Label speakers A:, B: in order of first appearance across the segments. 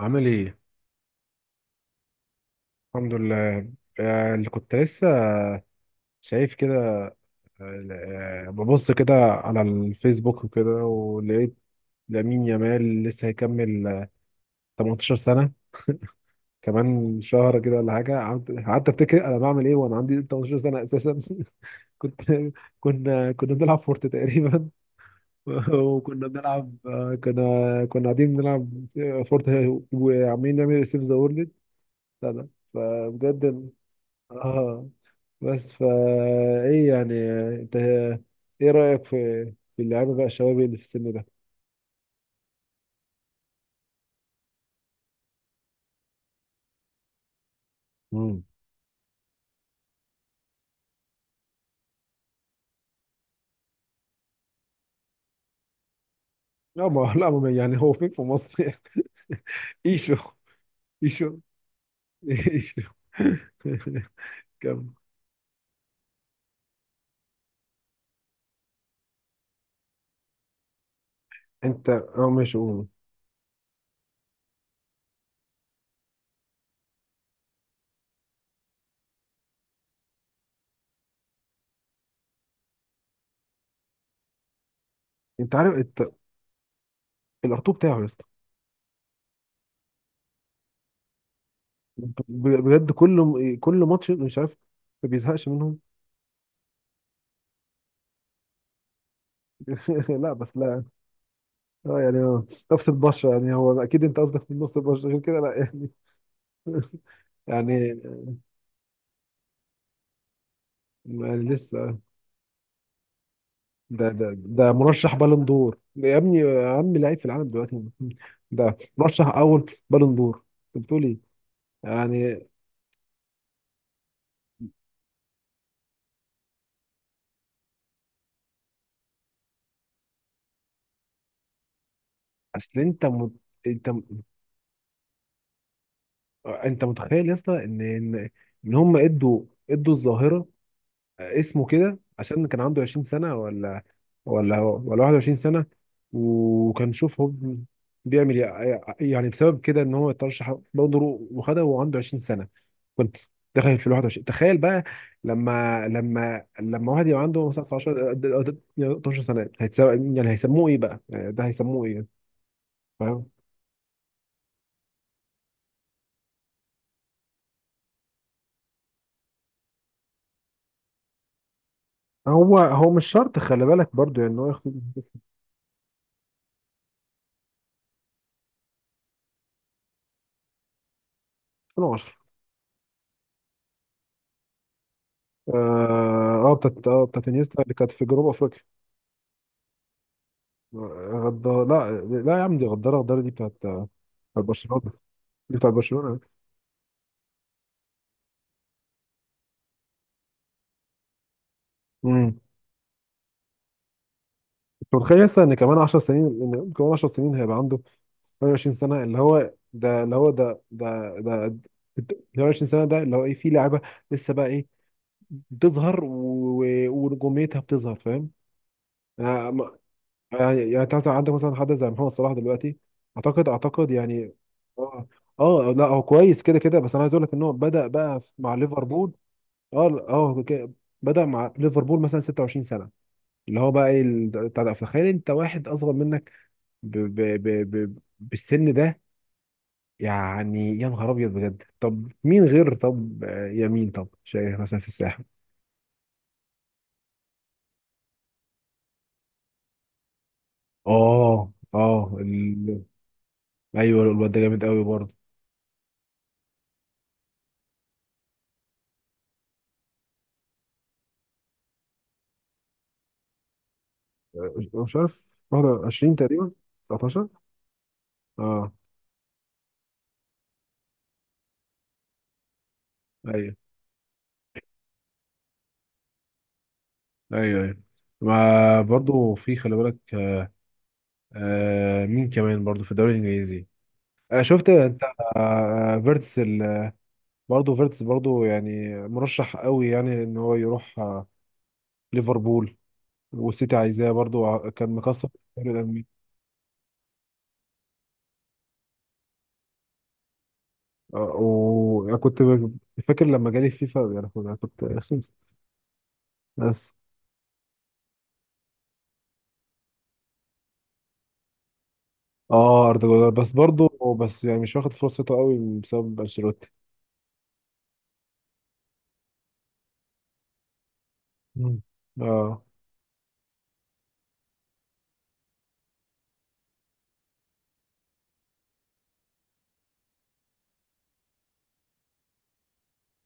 A: عامل ايه؟ الحمد لله. اللي كنت لسه شايف كده. ببص كده على الفيسبوك وكده ولقيت لامين يامال لسه هيكمل 18 سنة كمان شهر كده ولا حاجة. قعدت افتكر انا بعمل ايه وانا عندي 18 سنة اساسا. كنت، كنا بنلعب فورت تقريبا. وكنا بنلعب، آه، كنا كنا قاعدين بنلعب فورت وعمالين نعمل سيف ذا وورلد. لا لا، فبجد. اه بس ايه يعني؟ انت ايه رأيك في اللعيبه بقى، الشباب اللي في السن ده؟ مم. لا ما لا ما يعني، هو فين في مصر يعني؟ ايشو، ايشو، ايشو. كم؟ انت، ماشي، قول. انت الارتو بتاعه يا اسطى. بجد كل ماتش مش عارف ما بيزهقش منهم. لا بس لا. اه يعني نفس البشره يعني، هو اكيد انت قصدك في نفس البشره، غير كده لا يعني. يعني ما لسه. ده مرشح بالون دور ده يا ابني، اهم لعيب في العالم دلوقتي. ده مرشح اول بالون دور. انت بتقول ايه يعني؟ اصل انت انت متخيل يا اسطى ان إن هم ادوا الظاهره، اسمه كده عشان كان عنده 20 سنه، ولا 21 سنه. وكان شوف هو بيعمل إيه يعني بسبب كده ان هو اترشح بالون دور وخدها وهو عنده 20 سنه. كنت داخل في ال 21، تخيل بقى. لما واحد يبقى عنده مثلا 19، 12 سنه، هيتساوي، يعني هيسموه ايه بقى؟ يعني ده هيسموه ايه؟ فاهم؟ هو مش شرط، خلي بالك برضو، يعني إن هو ياخد. 2010. اه، بتاعت بتاعت انيستا، اللي كانت في جنوب افريقيا. غدار، لا لا يا عم، دي غداره غداره، دي بتاعت برشلونه، دي بتاعت برشلونه. امم انت متخيل لسه ان كمان 10 سنين، هيبقى عنده 28 سنة، اللي هو ده، 28 سنة، ده اللي هو ايه في لعبة لسه بقى ايه بتظهر ونجوميتها بتظهر، فاهم. يعني ما- يعني أنت مثلا عندك مثلا حد زي محمد صلاح دلوقتي، اعتقد يعني. اه اه لا، هو كويس كده كده، بس انا عايز اقول لك ان هو بدأ بقى مع ليفربول. اه اه ك- بدأ مع ليفربول مثلا 26 سنة، اللي هو بقى ايه، بتاع ده، فخيل انت واحد اصغر منك ب بالسن ده، يعني يا نهار ابيض بجد. طب مين غير؟ طب يمين. طب شايف مثلا في الساحل. اه اه ال... ايوه الواد ده جامد قوي برضه. مش عارف 21 تقريبا، 19، اه. ايوه ايوه ايوه. ما برضه في خلي بالك. مين كمان برضه في الدوري الانجليزي؟ شفت انت، فيرتس ال...، برضه فيرتس برضه يعني مرشح قوي، يعني ان هو يروح ليفربول والسيتي عايزاه برضه. كان مكسر الدوري الألماني. آه، وكنت ب- فاكر لما جالي فيفا، يعني كنت، أنا كنت بس. اه، اردا جولر، بس برضه، بس يعني مش واخد فرصته قوي بسبب انشيلوتي. مم. اه.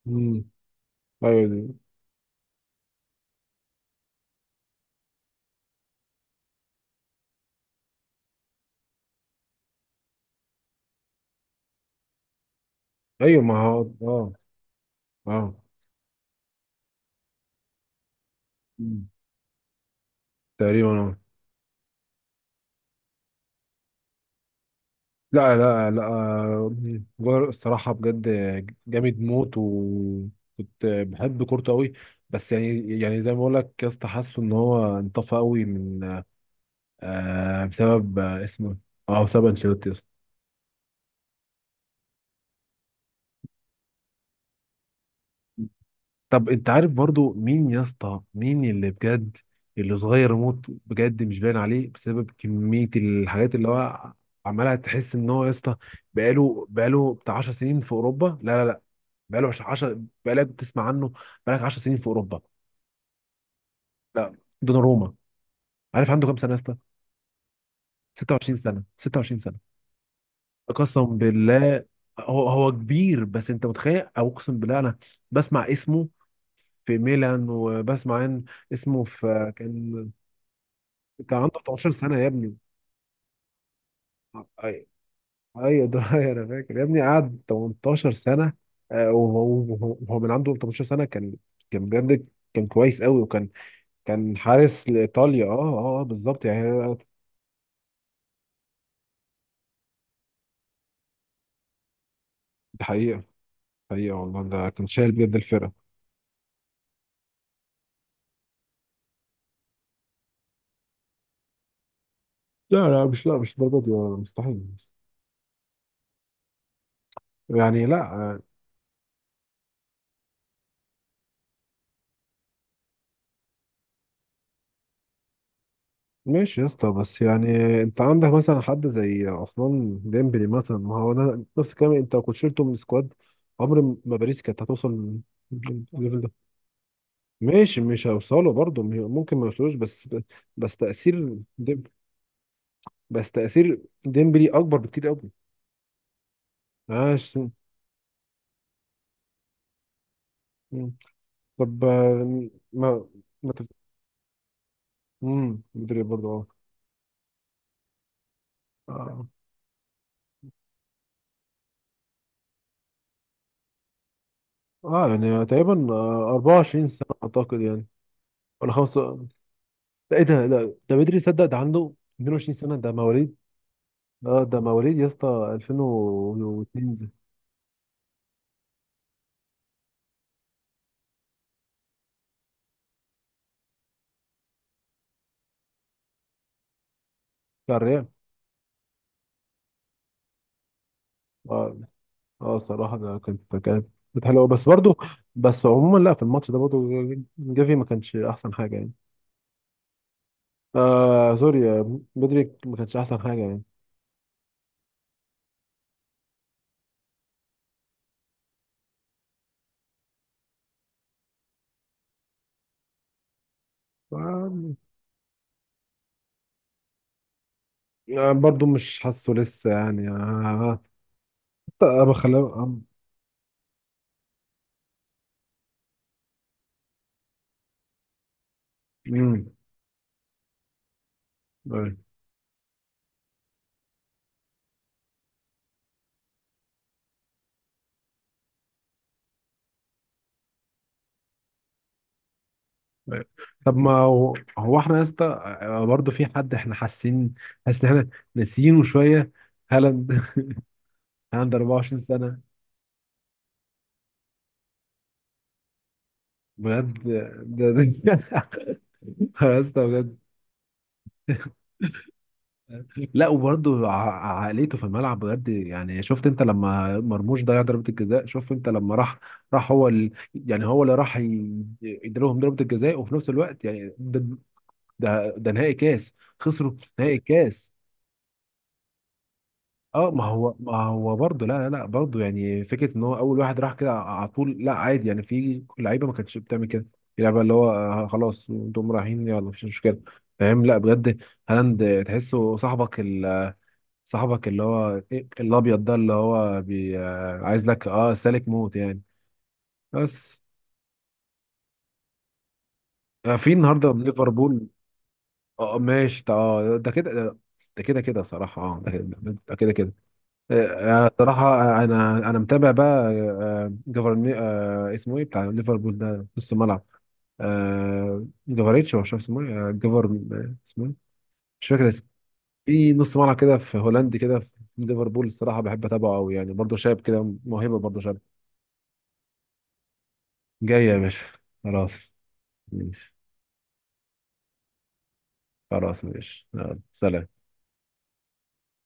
A: امم ايوه دي. ايوه ما هو اه. مم. تقريبا، اه. لا لا لا، جولر الصراحة بجد جامد موت، وكنت بحب كورته قوي. بس يعني، زي ما بقول لك يا اسطى، حاسه ان هو انطفى قوي من بسبب اسمه إيه؟ اه بسبب انشيلوتي. طب انت عارف برضو مين يا اسطى، اللي بجد اللي صغير موت بجد، مش باين عليه بسبب كمية الحاجات اللي هو عمالها؟ تحس ان هو يا اسطى بقاله بتاع 10 سنين في اوروبا. لا لا لا، بقاله 10 بقالك بتسمع عنه، بقالك 10 سنين في اوروبا. لا، دوناروما. عارف عنده كام سنة يا اسطى؟ 26 سنة، 26 سنة. قسم بالله. هو كبير، بس انت متخيل؟ او اقسم بالله انا بسمع اسمه في ميلان، وبسمع إن اسمه في كان كان عنده 18 سنة يا ابني. ايوه، ايوه ده. انا فاكر يا ابني، قعد 18 سنة. آه، وهو وهو من عنده 18 سنة كان، كان بجد كان كويس قوي، وكان كان حارس لإيطاليا. بالظبط، يعني ده حقيقة، حقيقة والله، ده كان شايل بجد الفرقة. لا لا مش لا مش الدرجة دي والله، مستحيل. يعني لا. ماشي يا اسطى، بس يعني انت عندك مثلا حد زي عثمان ديمبلي، مثلا ما هو ده نفس الكلام، انت لو كنت شلته من السكواد عمر ما باريس كانت هتوصل الليفل ده. ماشي مش هيوصلوا برضه، ممكن ما يوصلوش، بس بس تأثير ديم بس تأثير ديمبلي أكبر بكتير قوي. ماشي. مم. طب، ما تف... مم. مدري برضه، اه، اه، يعني تقريبا، 24 سنة أعتقد، يعني ولا خمسة. لا ايه ده؟ لا، ده بدري، صدق ده عنده 22 سنة، ده مواليد. اه ده مواليد يا اسطى 2002 بتاع الريال. اه اه الصراحة ده كانت، كانت حلوة، بس برضو بس عموما لا، في الماتش ده برضو جافي ما كانش احسن حاجة يعني. آه سوري، بدري ما كانش احسن حاجة يعني. آه، برضو مش حاسه لسه يعني. آه، بخلاه مم. أيوه. أيوة. طب ما هو، احنا يا اسطى برضه في حد احنا حاسين، حاسس ان احنا ناسيينه شويه: هالاند. هالاند 24 سنه. بجد، ده. يا اسطى بجد. لا وبرضه عقليته في الملعب بجد، يعني شفت انت لما مرموش ضيع ضربه الجزاء؟ شوف انت لما راح، يعني هو اللي راح يديلهم ضربه الجزاء، وفي نفس الوقت يعني ده، ده نهائي كاس خسروا، نهائي كاس. اه ما هو، برضه، لا لا لا برضه يعني، فكره ان هو اول واحد راح كده على طول، لا عادي يعني، في لعيبه ما كانتش بتعمل كده. في لعيبه اللي هو خلاص انتم رايحين يلا مفيش مشكله، فاهم؟ لا بجد هالاند تحسه صاحبك صاحبك، اللي هو إيه، الابيض ده، اللي هو بي عايز لك اه سالك موت يعني. بس في النهارده من ليفربول. اه ماشي ده، اه ده كده ده، ده كده كده صراحه، اه ده كده، ده كده كده. صراحة أنا متابع بقى. جفرني، اسمه إيه بتاع ليفربول ده نص الملعب؟ جفاريتش، هو مش عارف اسمه إيه. جفر، اسمه إيه، مش فاكر اسمه. في نص ملعب كده، في هولندي كده، في ليفربول الصراحة بحب أتابعه أوي يعني، برضه شاب كده موهبة، برضه شاب. جاي يا باشا. خلاص ماشي. خلاص ماشي، يلا، سلام.